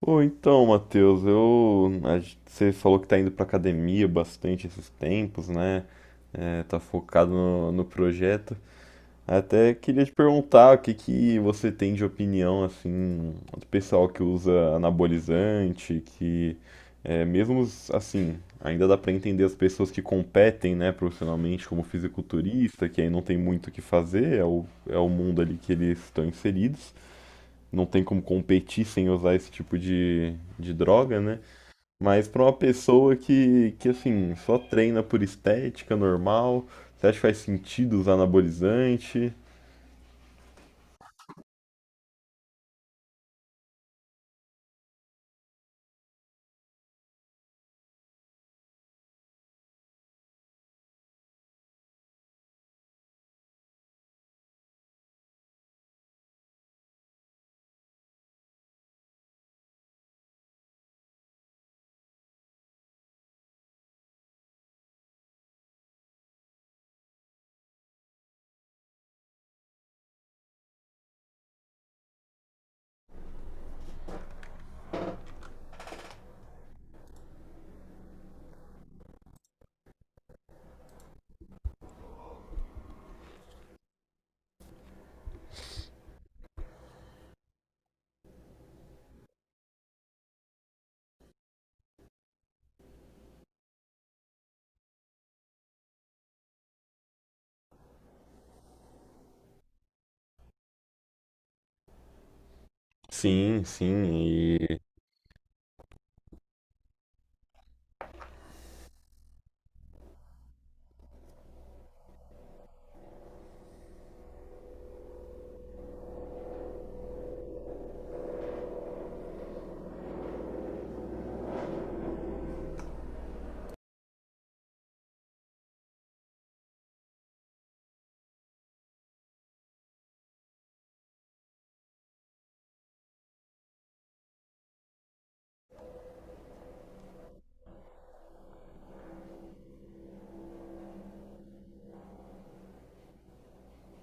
Ô, então, Matheus, você falou que tá indo pra academia bastante esses tempos, né? É, tá focado no projeto. Até queria te perguntar o que que você tem de opinião, assim, do pessoal que usa anabolizante, que é, mesmo, assim, ainda dá pra entender as pessoas que competem, né, profissionalmente como fisiculturista, que aí não tem muito o que fazer, é o mundo ali que eles estão inseridos, não tem como competir sem usar esse tipo de droga, né? Mas pra uma pessoa que, assim, só treina por estética normal, você acha que faz sentido usar anabolizante? Sim, sim, e.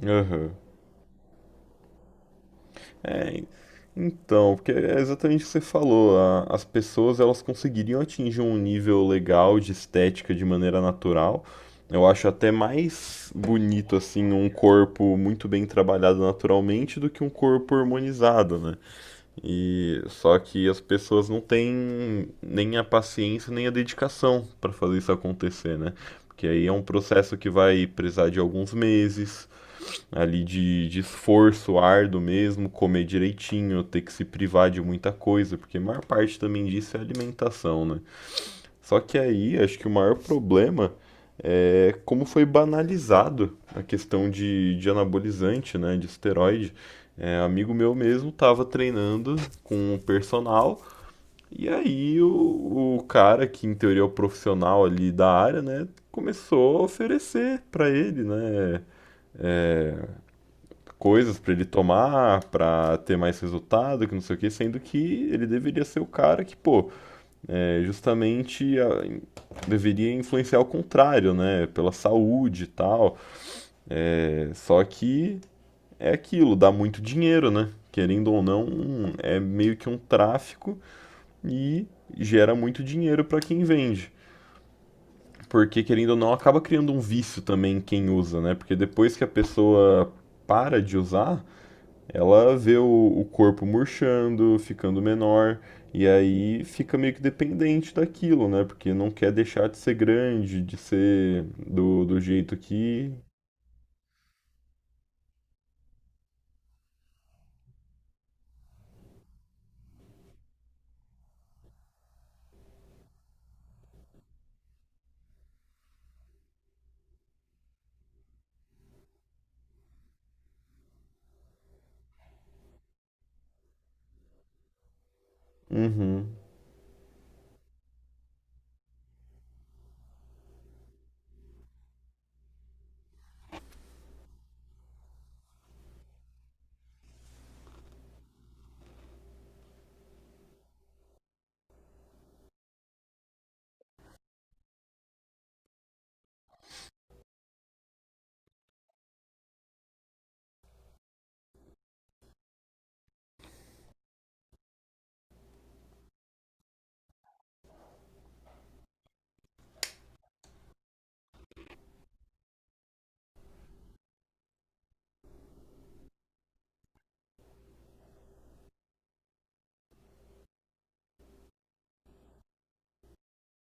Aham. É, então, porque é exatamente o que você falou, as pessoas elas conseguiriam atingir um nível legal de estética de maneira natural. Eu acho até mais bonito assim um corpo muito bem trabalhado naturalmente do que um corpo hormonizado, né? E só que as pessoas não têm nem a paciência, nem a dedicação para fazer isso acontecer, né? Porque aí é um processo que vai precisar de alguns meses ali de esforço árduo mesmo, comer direitinho, ter que se privar de muita coisa, porque a maior parte também disso é alimentação, né? Só que aí, acho que o maior problema é como foi banalizado a questão de anabolizante, né, de esteroide. É, amigo meu mesmo estava treinando com o personal, e aí o cara, que em teoria é o profissional ali da área, né, começou a oferecer para ele, né, coisas para ele tomar, para ter mais resultado, que não sei o que, sendo que ele deveria ser o cara que, pô, é, justamente deveria influenciar o contrário, né? Pela saúde e tal. É, só que é aquilo, dá muito dinheiro, né? Querendo ou não, é meio que um tráfico e gera muito dinheiro para quem vende. Porque, querendo ou não, acaba criando um vício também em quem usa, né? Porque depois que a pessoa para de usar, ela vê o, corpo murchando, ficando menor, e aí fica meio que dependente daquilo, né? Porque não quer deixar de ser grande, de ser do jeito que. Uhum,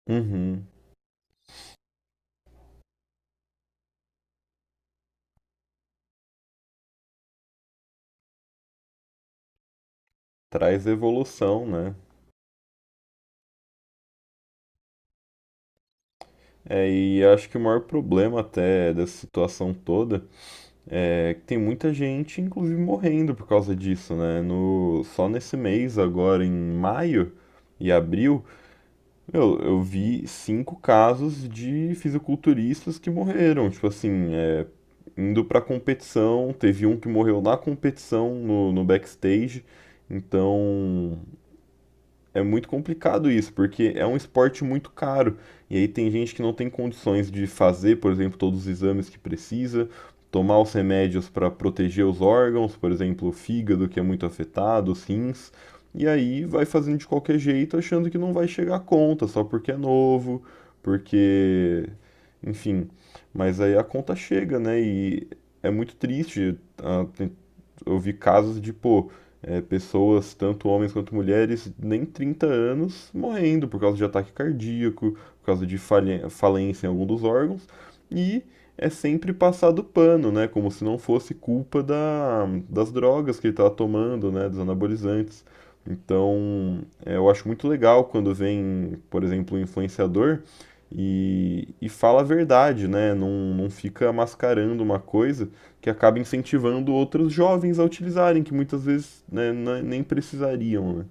uhum. Traz evolução, né? É, e acho que o maior problema até dessa situação toda é que tem muita gente, inclusive, morrendo por causa disso, né? No, só nesse mês, agora em maio e abril, meu, eu vi cinco casos de fisiculturistas que morreram, tipo assim, é, indo pra competição. Teve um que morreu na competição, no backstage. Então, é muito complicado isso, porque é um esporte muito caro. E aí tem gente que não tem condições de fazer, por exemplo, todos os exames que precisa, tomar os remédios para proteger os órgãos, por exemplo, o fígado que é muito afetado, os rins, e aí vai fazendo de qualquer jeito, achando que não vai chegar a conta, só porque é novo, porque, enfim, mas aí a conta chega, né? E é muito triste, ah, tem, eu vi casos de, pô, é, pessoas, tanto homens quanto mulheres, nem 30 anos, morrendo por causa de ataque cardíaco, por causa de falência em algum dos órgãos, e é sempre passado pano, né? Como se não fosse culpa das drogas que ele estava tomando, né? Dos anabolizantes. Então, é, eu acho muito legal quando vem, por exemplo, um influenciador e fala a verdade, né? Não, não fica mascarando uma coisa que acaba incentivando outros jovens a utilizarem, que muitas vezes, né, nem precisariam, né?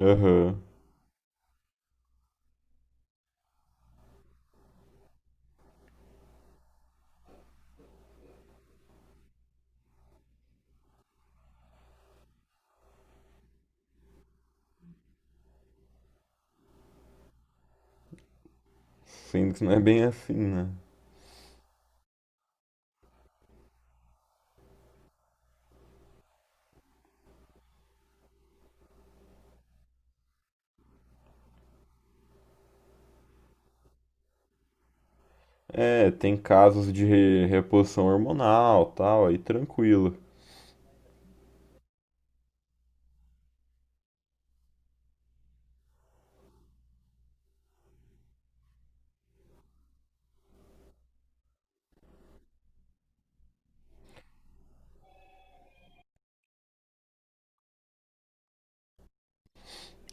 Aham. Sendo que não é bem assim, né? É, tem casos de reposição hormonal, tal, aí tranquilo.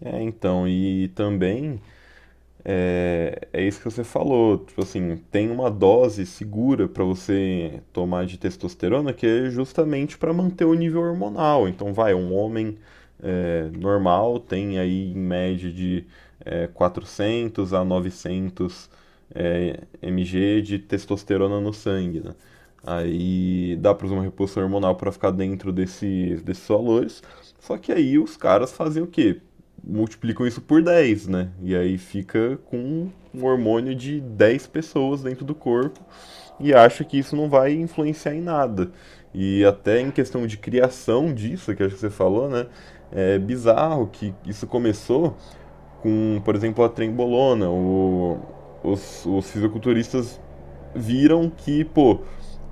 É, então, e também é, é isso que você falou, tipo assim, tem uma dose segura para você tomar de testosterona que é justamente para manter o nível hormonal. Então, vai, um homem é, normal tem aí em média de 400 a 900 mg de testosterona no sangue, né? Aí dá para usar uma reposição hormonal para ficar dentro desses valores. Só que aí os caras fazem o quê? Multiplicam isso por 10, né? E aí fica com um hormônio de 10 pessoas dentro do corpo e acha que isso não vai influenciar em nada. E até em questão de criação disso, que acho que você falou, né? É bizarro que isso começou com, por exemplo, a trembolona. Os fisiculturistas viram que, pô,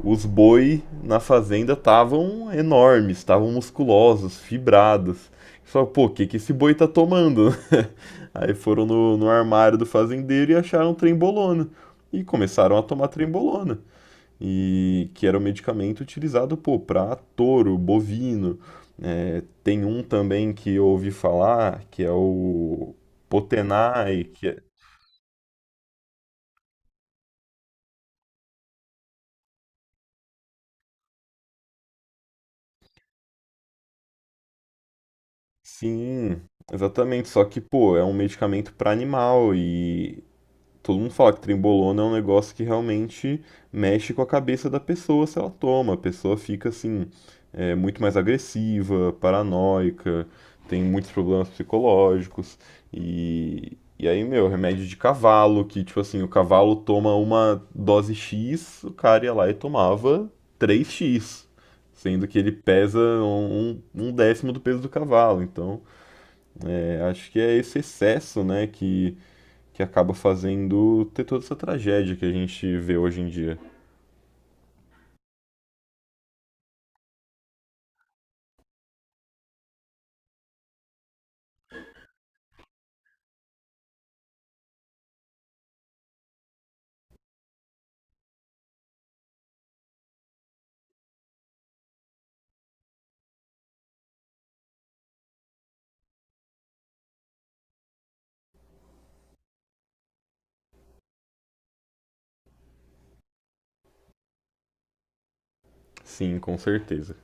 os boi na fazenda estavam enormes, estavam musculosos, fibrados. Só, pô, o que, que esse boi tá tomando? Aí foram no, armário do fazendeiro e acharam trembolona. E começaram a tomar trembolona e que era um medicamento utilizado, pô, para touro, bovino. É, tem um também que eu ouvi falar, que é o Potenai, que é... Sim, exatamente, só que, pô, é um medicamento para animal e todo mundo fala que trembolona é um negócio que realmente mexe com a cabeça da pessoa se ela toma. A pessoa fica assim, é, muito mais agressiva, paranoica, tem muitos problemas psicológicos. E aí, meu, remédio de cavalo, que tipo assim, o cavalo toma uma dose X, o cara ia lá e tomava 3x. Sendo que ele pesa um, um décimo do peso do cavalo. Então, é, acho que é esse excesso, né, que acaba fazendo ter toda essa tragédia que a gente vê hoje em dia. Sim, com certeza.